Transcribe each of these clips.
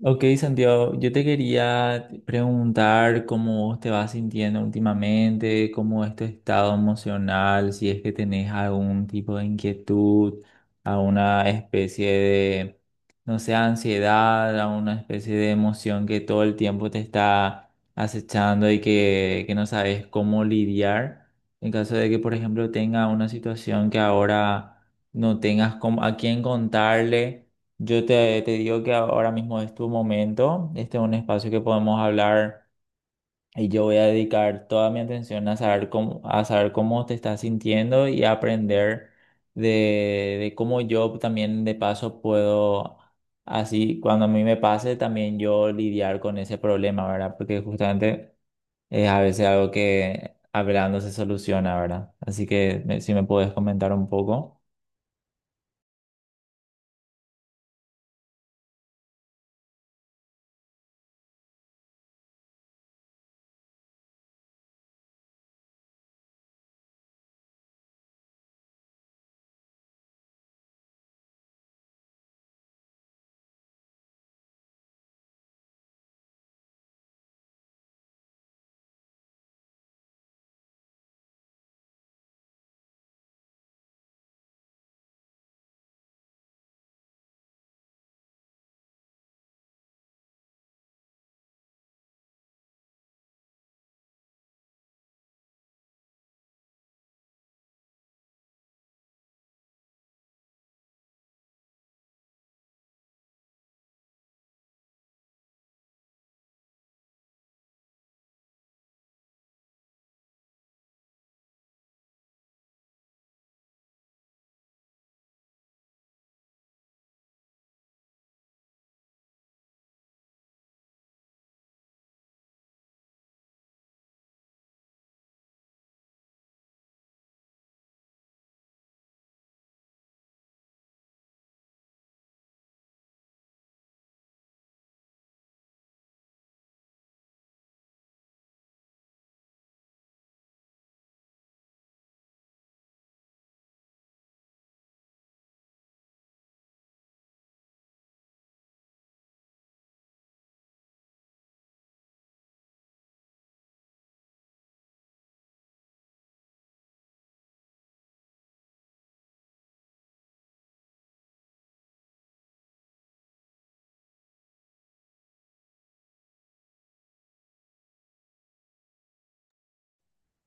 Ok, Santiago, yo te quería preguntar cómo te vas sintiendo últimamente, cómo es tu estado emocional, si es que tenés algún tipo de inquietud, alguna especie de, no sé, ansiedad, alguna especie de emoción que todo el tiempo te está acechando y que no sabes cómo lidiar. En caso de que, por ejemplo, tenga una situación que ahora no tengas cómo- a quién contarle. Yo te digo que ahora mismo es tu momento, este es un espacio que podemos hablar y yo voy a dedicar toda mi atención a saber cómo te estás sintiendo y a aprender de cómo yo también de paso puedo, así cuando a mí me pase, también yo lidiar con ese problema, ¿verdad? Porque justamente es a veces algo que hablando se soluciona, ¿verdad? Así que me- si me puedes comentar un poco.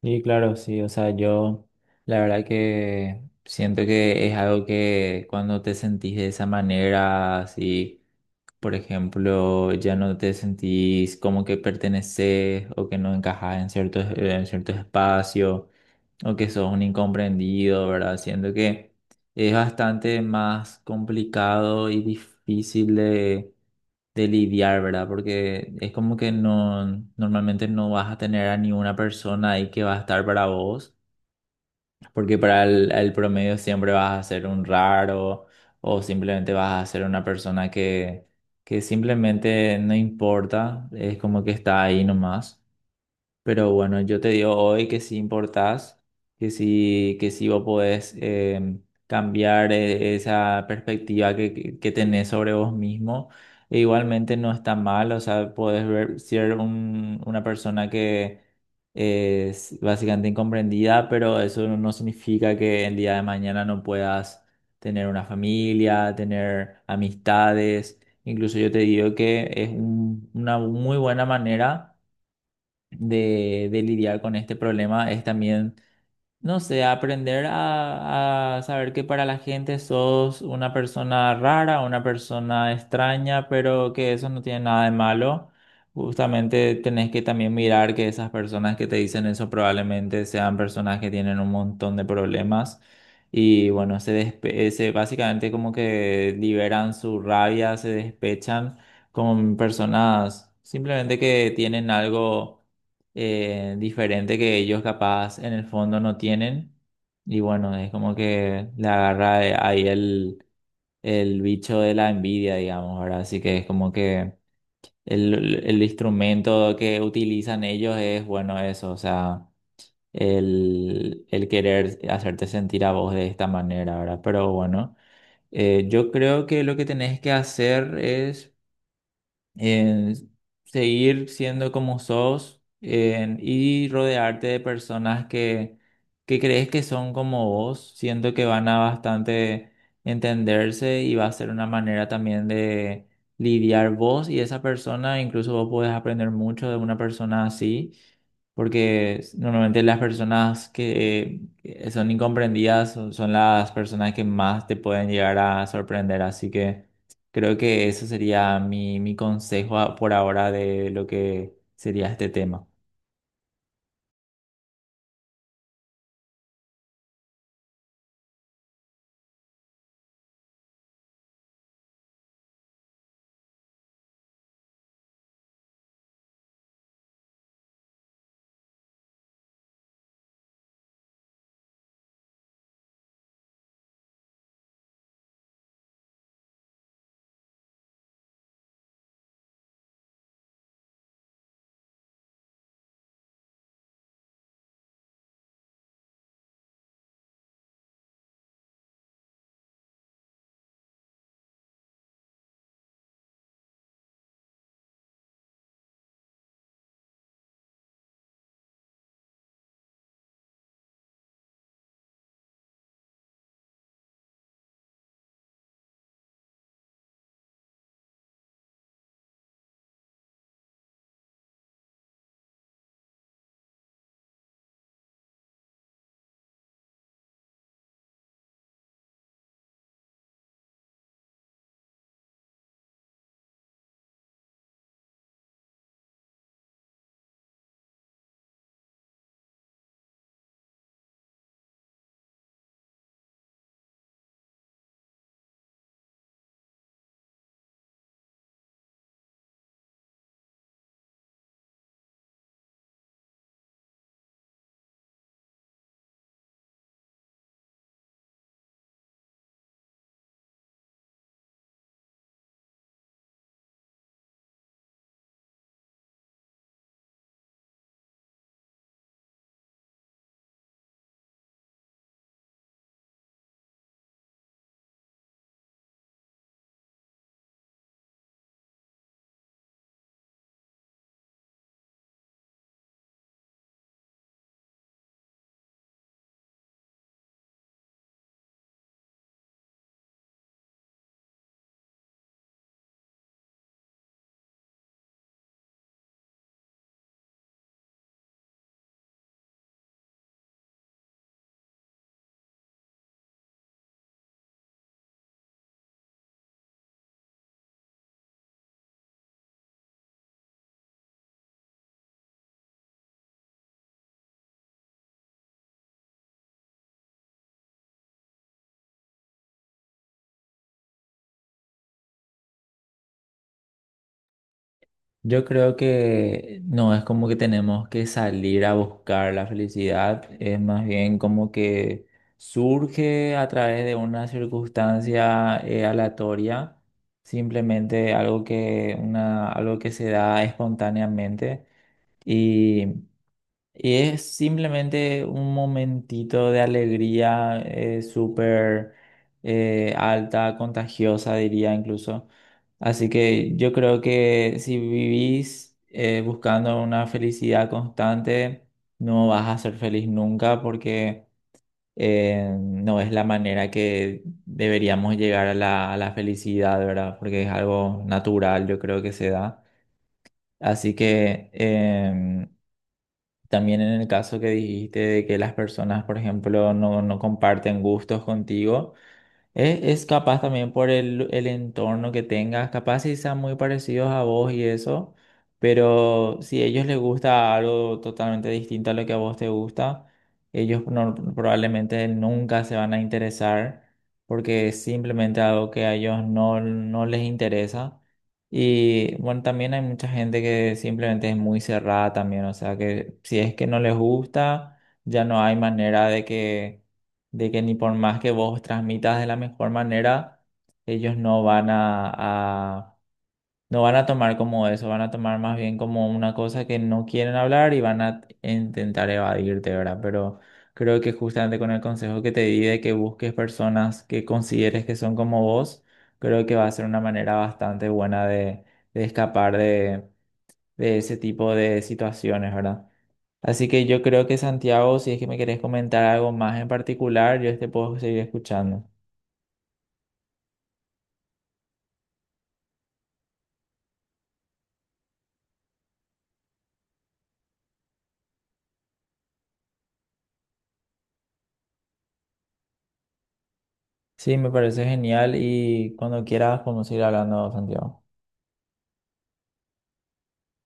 Y claro, sí, o sea, yo la verdad que siento que es algo que cuando te sentís de esa manera, si por ejemplo ya no te sentís como que perteneces o que no encajas en ciertos espacios o que sos un incomprendido, ¿verdad? Siento que es bastante más complicado y difícil de lidiar, ¿verdad? Porque es como que no, normalmente no vas a tener a ni una persona ahí que va a estar para vos, porque para el promedio siempre vas a ser un raro o simplemente vas a ser una persona que simplemente no importa, es como que está ahí nomás. Pero bueno, yo te digo hoy que si importás, que si vos podés cambiar esa perspectiva que tenés sobre vos mismo. E igualmente no está mal, o sea, podés ver, ser un- una persona que es básicamente incomprendida, pero eso no significa que el día de mañana no puedas tener una familia, tener amistades. Incluso yo te digo que es un- una muy buena manera de lidiar con este problema es también, no sé, aprender a saber que para la gente sos una persona rara, una persona extraña, pero que eso no tiene nada de malo. Justamente tenés que también mirar que esas personas que te dicen eso probablemente sean personas que tienen un montón de problemas. Y bueno, se, despe- se básicamente como que liberan su rabia, se despechan con personas simplemente que tienen algo diferente que ellos capaz en el fondo no tienen. Y bueno, es como que le agarra ahí el bicho de la envidia, digamos, ¿verdad? Así que es como que el instrumento que utilizan ellos es, bueno, eso, o sea, el querer hacerte sentir a vos de esta manera, ¿verdad? Pero bueno, yo creo que lo que tenés que hacer es eh, seguir siendo como sos y rodearte de personas que crees que son como vos, siento que van a bastante entenderse y va a ser una manera también de lidiar vos y esa persona, incluso vos podés aprender mucho de una persona así. Porque s- normalmente las personas que son incomprendidas son, son las personas que más te pueden llegar a sorprender. Así que creo que eso sería mi, mi consejo a- por ahora de lo que sería este tema. Yo creo que no es como que tenemos que salir a buscar la felicidad, es más bien como que surge a través de una circunstancia aleatoria, simplemente algo que, una, algo que se da espontáneamente y Y es simplemente un momentito de alegría súper alta, contagiosa, diría incluso. Así que yo creo que si vivís buscando una felicidad constante, no vas a ser feliz nunca porque no es la manera que deberíamos llegar a la felicidad, ¿verdad? Porque es algo natural, yo creo que se da. Así que también en el caso que dijiste de que las personas, por ejemplo, no, no comparten gustos contigo, e- es, capaz también por el entorno que tengas, capaz si sean muy parecidos a vos y eso, pero si a ellos les gusta algo totalmente distinto a lo que a vos te gusta, ellos no- probablemente nunca se van a interesar porque es simplemente algo que a ellos no, no les interesa. Y bueno, también hay mucha gente que simplemente es muy cerrada también, o sea que si es que no les gusta, ya no hay manera de que ni por más que vos transmitas de la mejor manera, ellos no van a- no van a tomar como eso, van a tomar más bien como una cosa que no quieren hablar y van a intentar evadirte, ¿verdad? Pero creo que justamente con el consejo que te di de que busques personas que consideres que son como vos, creo que va a ser una manera bastante buena de escapar de ese tipo de situaciones, ¿verdad? Así que yo creo que Santiago, si es que me querés comentar algo más en particular, yo te puedo seguir escuchando. Sí, me parece genial y cuando quieras podemos ir hablando, Santiago.